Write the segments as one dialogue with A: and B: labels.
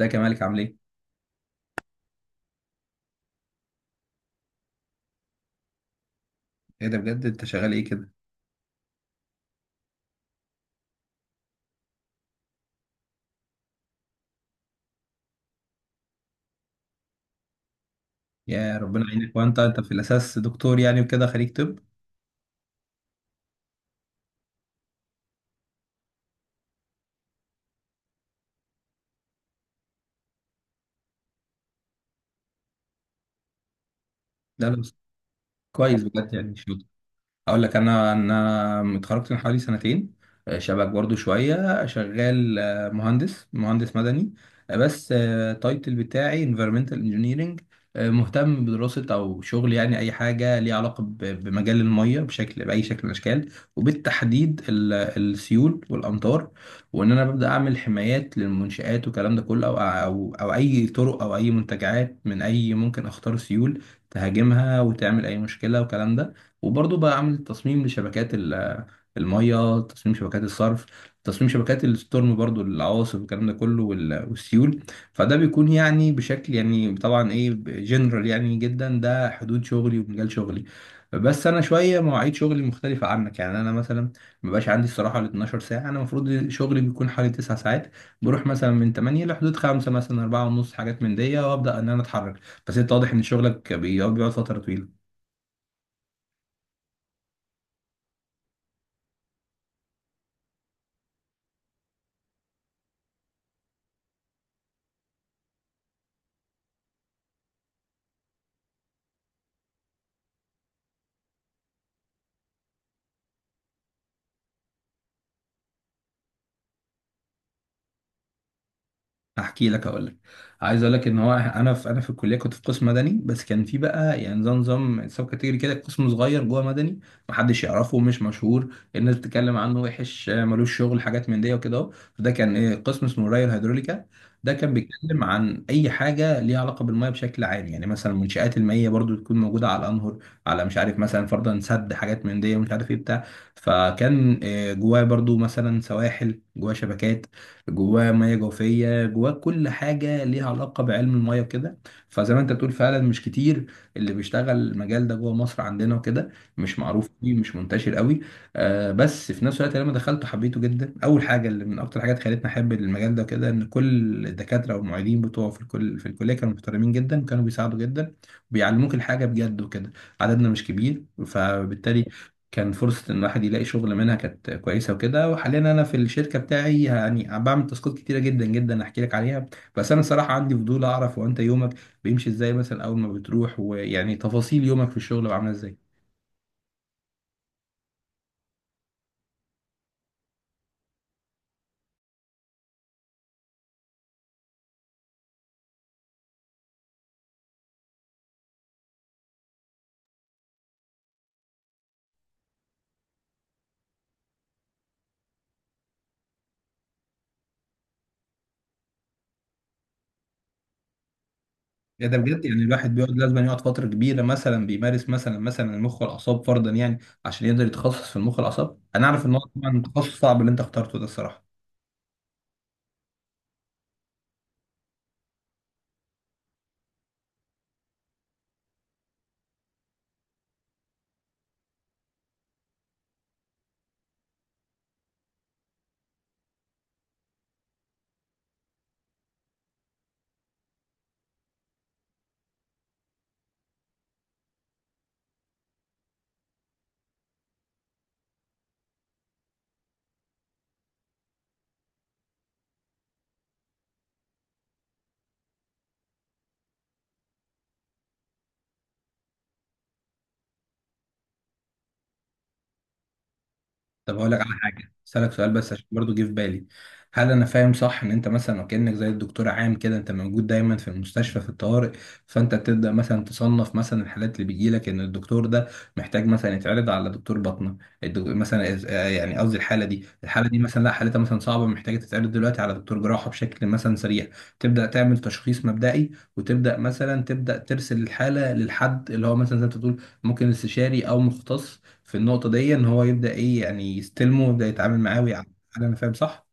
A: ازيك يا مالك، عامل ايه؟ ايه ده بجد، انت شغال ايه كده؟ يا ربنا يعينك، وانت في الاساس دكتور يعني، وكده خريج طب؟ ده بس كويس بجد يعني. اقول لك انا اتخرجت من حوالي سنتين. شبك برضو شويه، شغال مهندس مدني. بس التايتل بتاعي environmental engineering. مهتم بدراسه او شغل، يعني اي حاجه ليها علاقه بمجال الميه، بشكل باي شكل من الاشكال، وبالتحديد السيول والامطار، وان انا ببدا اعمل حمايات للمنشآت والكلام ده كله، او او اي طرق او اي منتجعات من اي ممكن اخطار سيول تهاجمها وتعمل اي مشكله والكلام ده. وبرضه بقى عامل تصميم لشبكات المية، تصميم شبكات الصرف، تصميم شبكات الستورم، برضه العواصف والكلام ده كله والسيول. فده بيكون يعني بشكل، يعني طبعا ايه جنرال يعني جدا، ده حدود شغلي ومجال شغلي. بس انا شويه مواعيد شغلي مختلفه عنك، يعني انا مثلا مبقاش عندي الصراحه ال 12 ساعه، انا المفروض شغلي بيكون حوالي 9 ساعات. بروح مثلا من 8 لحدود 5، مثلا 4 ونص، حاجات من دي، وابدا ان انا اتحرك. بس انت واضح ان شغلك بيقعد فتره طويله. احكي لك اقول لك عايز اقول لك ان هو انا في الكليه، كنت في قسم مدني، بس كان في بقى يعني زي نظام سب كاتيجوري كده، قسم صغير جوه مدني، محدش يعرفه، مش مشهور، الناس بتتكلم عنه وحش، ملوش شغل، حاجات من دي وكده اهو. ده كان ايه، قسم اسمه الري الهيدروليكا. ده كان بيتكلم عن اي حاجه ليها علاقه بالميه بشكل عام، يعني مثلا المنشآت المائيه برضو تكون موجوده على الانهر، على مش عارف مثلا، فرضا سد، حاجات من دي، ومش عارف ايه بتاع. فكان جواه برضو مثلا سواحل، جواه شبكات، جواه ميه جوفيه، جواه كل حاجه ليها علاقه بعلم الميه كده. فزي ما انت بتقول، فعلا مش كتير اللي بيشتغل المجال ده جوه مصر عندنا وكده، مش معروف فيه، مش منتشر قوي. آه، بس في نفس الوقت لما دخلته حبيته جدا. اول حاجه اللي من اكتر حاجات خلتني احب المجال ده كده، ان كل الدكاتره والمعيدين بتوعه في الكليه كانوا محترمين جدا، كانوا بيساعدوا جدا وبيعلموك الحاجه بجد وكده. عددنا مش كبير، فبالتالي كان فرصة إن الواحد يلاقي شغل منها كانت كويسة وكده. وحاليا أنا في الشركة بتاعي يعني بعمل تاسكات كتيرة جدا جدا، أحكي لك عليها. بس أنا صراحة عندي فضول أعرف، هو أنت يومك بيمشي إزاي مثلا أول ما بتروح، ويعني تفاصيل يومك في الشغل بقى عاملة إزاي؟ يا ده بجد، يعني الواحد بيقعد، لازم يقعد فترة كبيرة مثلا بيمارس مثلا المخ والأعصاب فرضا يعني، عشان يقدر يتخصص في المخ والأعصاب. أنا أعرف إن هو طبعا تخصص صعب اللي أنت اخترته ده، الصراحة. طب هقول لك على حاجه، اسالك سؤال بس عشان برضو جه في بالي، هل انا فاهم صح ان انت مثلا، وكانك زي الدكتور عام كده، انت موجود دايما في المستشفى في الطوارئ، فانت بتبدا مثلا تصنف مثلا الحالات اللي بيجي لك، ان الدكتور ده محتاج مثلا يتعرض على دكتور باطنه، مثلا يعني قصدي الحاله دي مثلا، لا حالتها مثلا صعبه، محتاجه تتعرض دلوقتي على دكتور جراحه بشكل مثلا سريع، تبدا تعمل تشخيص مبدئي، وتبدا مثلا تبدا ترسل الحاله للحد اللي هو، مثلا زي ما أنت بتقول، ممكن استشاري او مختص في النقطة دي، إن هو يبدأ إيه، يعني يستلمه ويبدأ يتعامل معاه ويعامل. هل أنا فاهم صح؟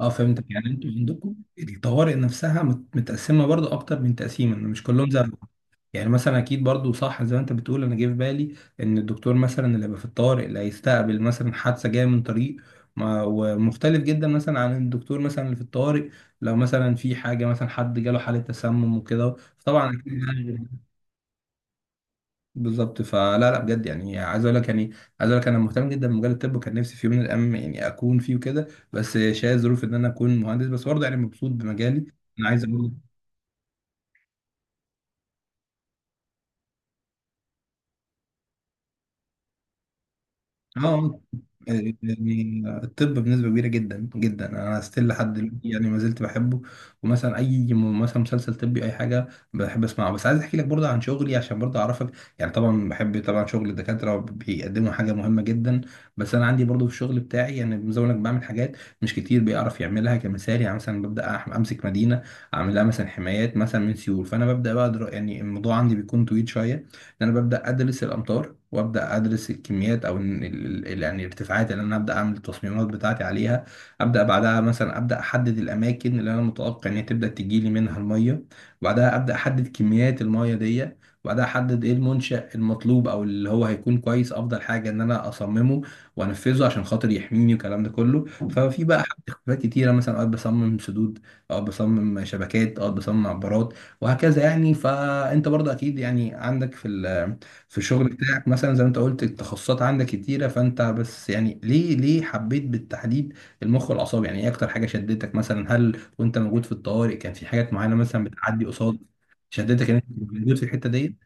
A: أه، فهمتك يعني، أنتوا عندكم الطوارئ نفسها متقسمة برضو أكتر من تقسيم، إن مش كلهم زي بعض. يعني مثلا أكيد برضو صح زي ما أنت بتقول. أنا جه في بالي إن الدكتور مثلا اللي هيبقى في الطوارئ اللي هيستقبل مثلا حادثة جاية من طريق ومختلف جدا مثلا عن الدكتور مثلا اللي في الطوارئ، لو مثلا في حاجة مثلا حد جاله حالة تسمم وكده، فطبعا أكيد يعني بالظبط. فلا لا بجد، يعني عايز اقول لك انا مهتم جدا بمجال الطب، وكان نفسي في يوم من الايام يعني اكون فيه وكده، بس شايف ظروف ان انا اكون مهندس، بس برضه يعني مبسوط بمجالي. انا عايز اقول، اه، يعني الطب بنسبة كبيرة جدا جدا انا ستيل لحد دلوقتي، يعني ما زلت بحبه، ومثلا اي مثلا مسلسل طبي، اي حاجة بحب اسمعه. بس عايز احكي لك برضه عن شغلي عشان برضه اعرفك. يعني طبعا بحب، طبعا شغل الدكاترة بيقدموا حاجة مهمة جدا، بس انا عندي برضه في الشغل بتاعي يعني، زي ما أقول لك، بعمل حاجات مش كتير بيعرف يعملها، كمثال يعني مثلا ببدأ امسك مدينة، اعمل لها مثلا حمايات مثلا من سيول، فانا ببدأ بقى يعني الموضوع عندي بيكون طويل شوية، ان انا ببدا ادرس الامطار وابدا ادرس الكميات، او إن يعني الارتفاعات اللي انا ابدا اعمل التصميمات بتاعتي عليها، ابدا بعدها مثلا ابدا احدد الاماكن اللي انا متوقع ان هي تبدا تجي لي منها الميه، وبعدها ابدا احدد كميات الميه دي، وبعدها احدد ايه المنشأ المطلوب او اللي هو هيكون كويس، افضل حاجه ان انا اصممه وانفذه عشان خاطر يحميني والكلام ده كله. ففي بقى حاجات اختلافات كتيره، مثلا اوقات بصمم سدود، اوقات بصمم شبكات، اوقات بصمم عبارات، وهكذا يعني. فانت برضه اكيد يعني عندك في الشغل بتاعك، مثلا زي ما انت قلت التخصصات عندك كتيره، فانت بس يعني ليه حبيت بالتحديد المخ والاعصاب؟ يعني ايه اكتر حاجه شدتك مثلا؟ هل وانت موجود في الطوارئ كان في حاجات معينه مثلا بتعدي قصاد شدتك ان انت موجود في الحته دي؟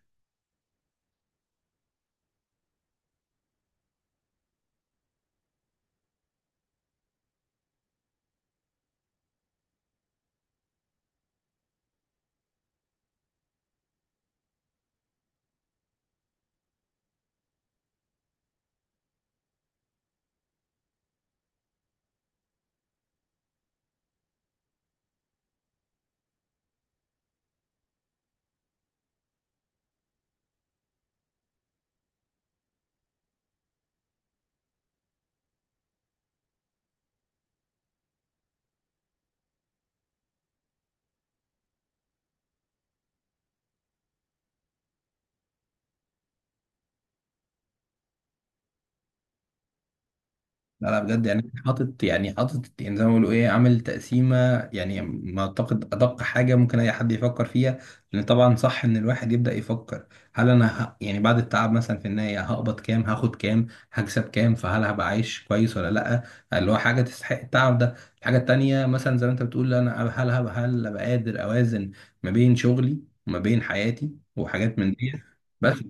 A: لا لا بجد يعني، حاطط يعني زي ما بيقولوا ايه، عامل تقسيمه، يعني ما اعتقد ادق حاجه ممكن اي حد يفكر فيها. لان طبعا صح ان الواحد يبدا يفكر، هل انا يعني بعد التعب مثلا في النهايه هقبض كام؟ هاخد كام؟ هكسب كام؟ فهل هبقى عايش كويس ولا لا؟ اللي هو حاجه تستحق التعب ده. الحاجه التانيه مثلا، زي ما انت بتقول، انا هل ابقى قادر اوازن ما بين شغلي وما بين حياتي وحاجات من دي. بس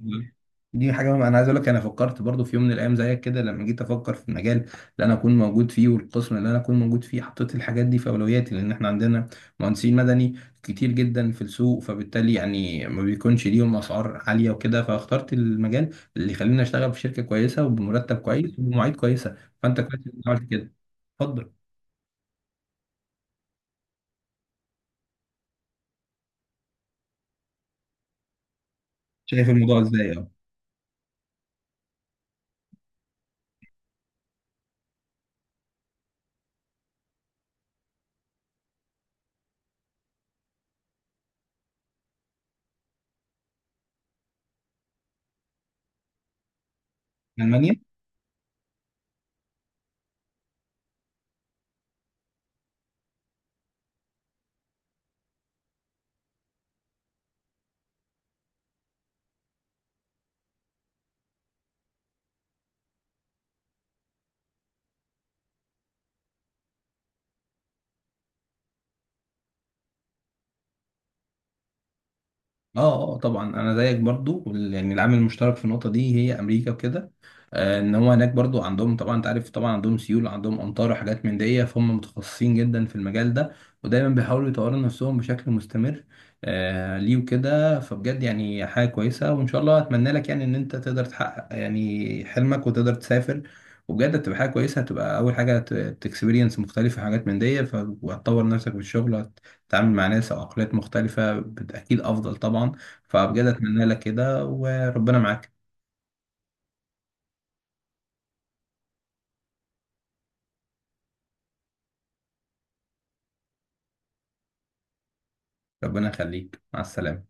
A: دي حاجه انا عايز اقول لك، انا فكرت برضو في يوم من الايام زيك كده لما جيت افكر في المجال اللي انا اكون موجود فيه، والقسم اللي انا اكون موجود فيه، حطيت الحاجات دي في اولوياتي، لان احنا عندنا مهندسين مدني كتير جدا في السوق، فبالتالي يعني ما بيكونش ليهم اسعار عاليه وكده، فاخترت المجال اللي يخليني اشتغل في شركه كويسه وبمرتب كويس وبمواعيد كويسه، فانت كويس إنك عملت كده. اتفضل. شايف الموضوع ازاي؟ اه. المانيا. اه، اه، طبعا انا زيك برضو، يعني العامل المشترك في النقطه دي هي امريكا وكده. ان هو هناك برضو عندهم، طبعا انت عارف، طبعا عندهم سيول، عندهم امطار وحاجات من دي، فهم متخصصين جدا في المجال ده، ودايما بيحاولوا يطوروا نفسهم بشكل مستمر. ليه وكده، فبجد يعني حاجه كويسه، وان شاء الله اتمنى لك يعني ان انت تقدر تحقق يعني حلمك وتقدر تسافر. وبجد هتبقى حاجه كويسه، هتبقى اول حاجه تكسبيرينس مختلفه، حاجات من دي، فهتطور نفسك في الشغل، تتعامل مع ناس او عقليات مختلفه اكيد افضل طبعا. فبجد اتمنى لك كده وربنا معاك. ربنا يخليك، مع السلامه.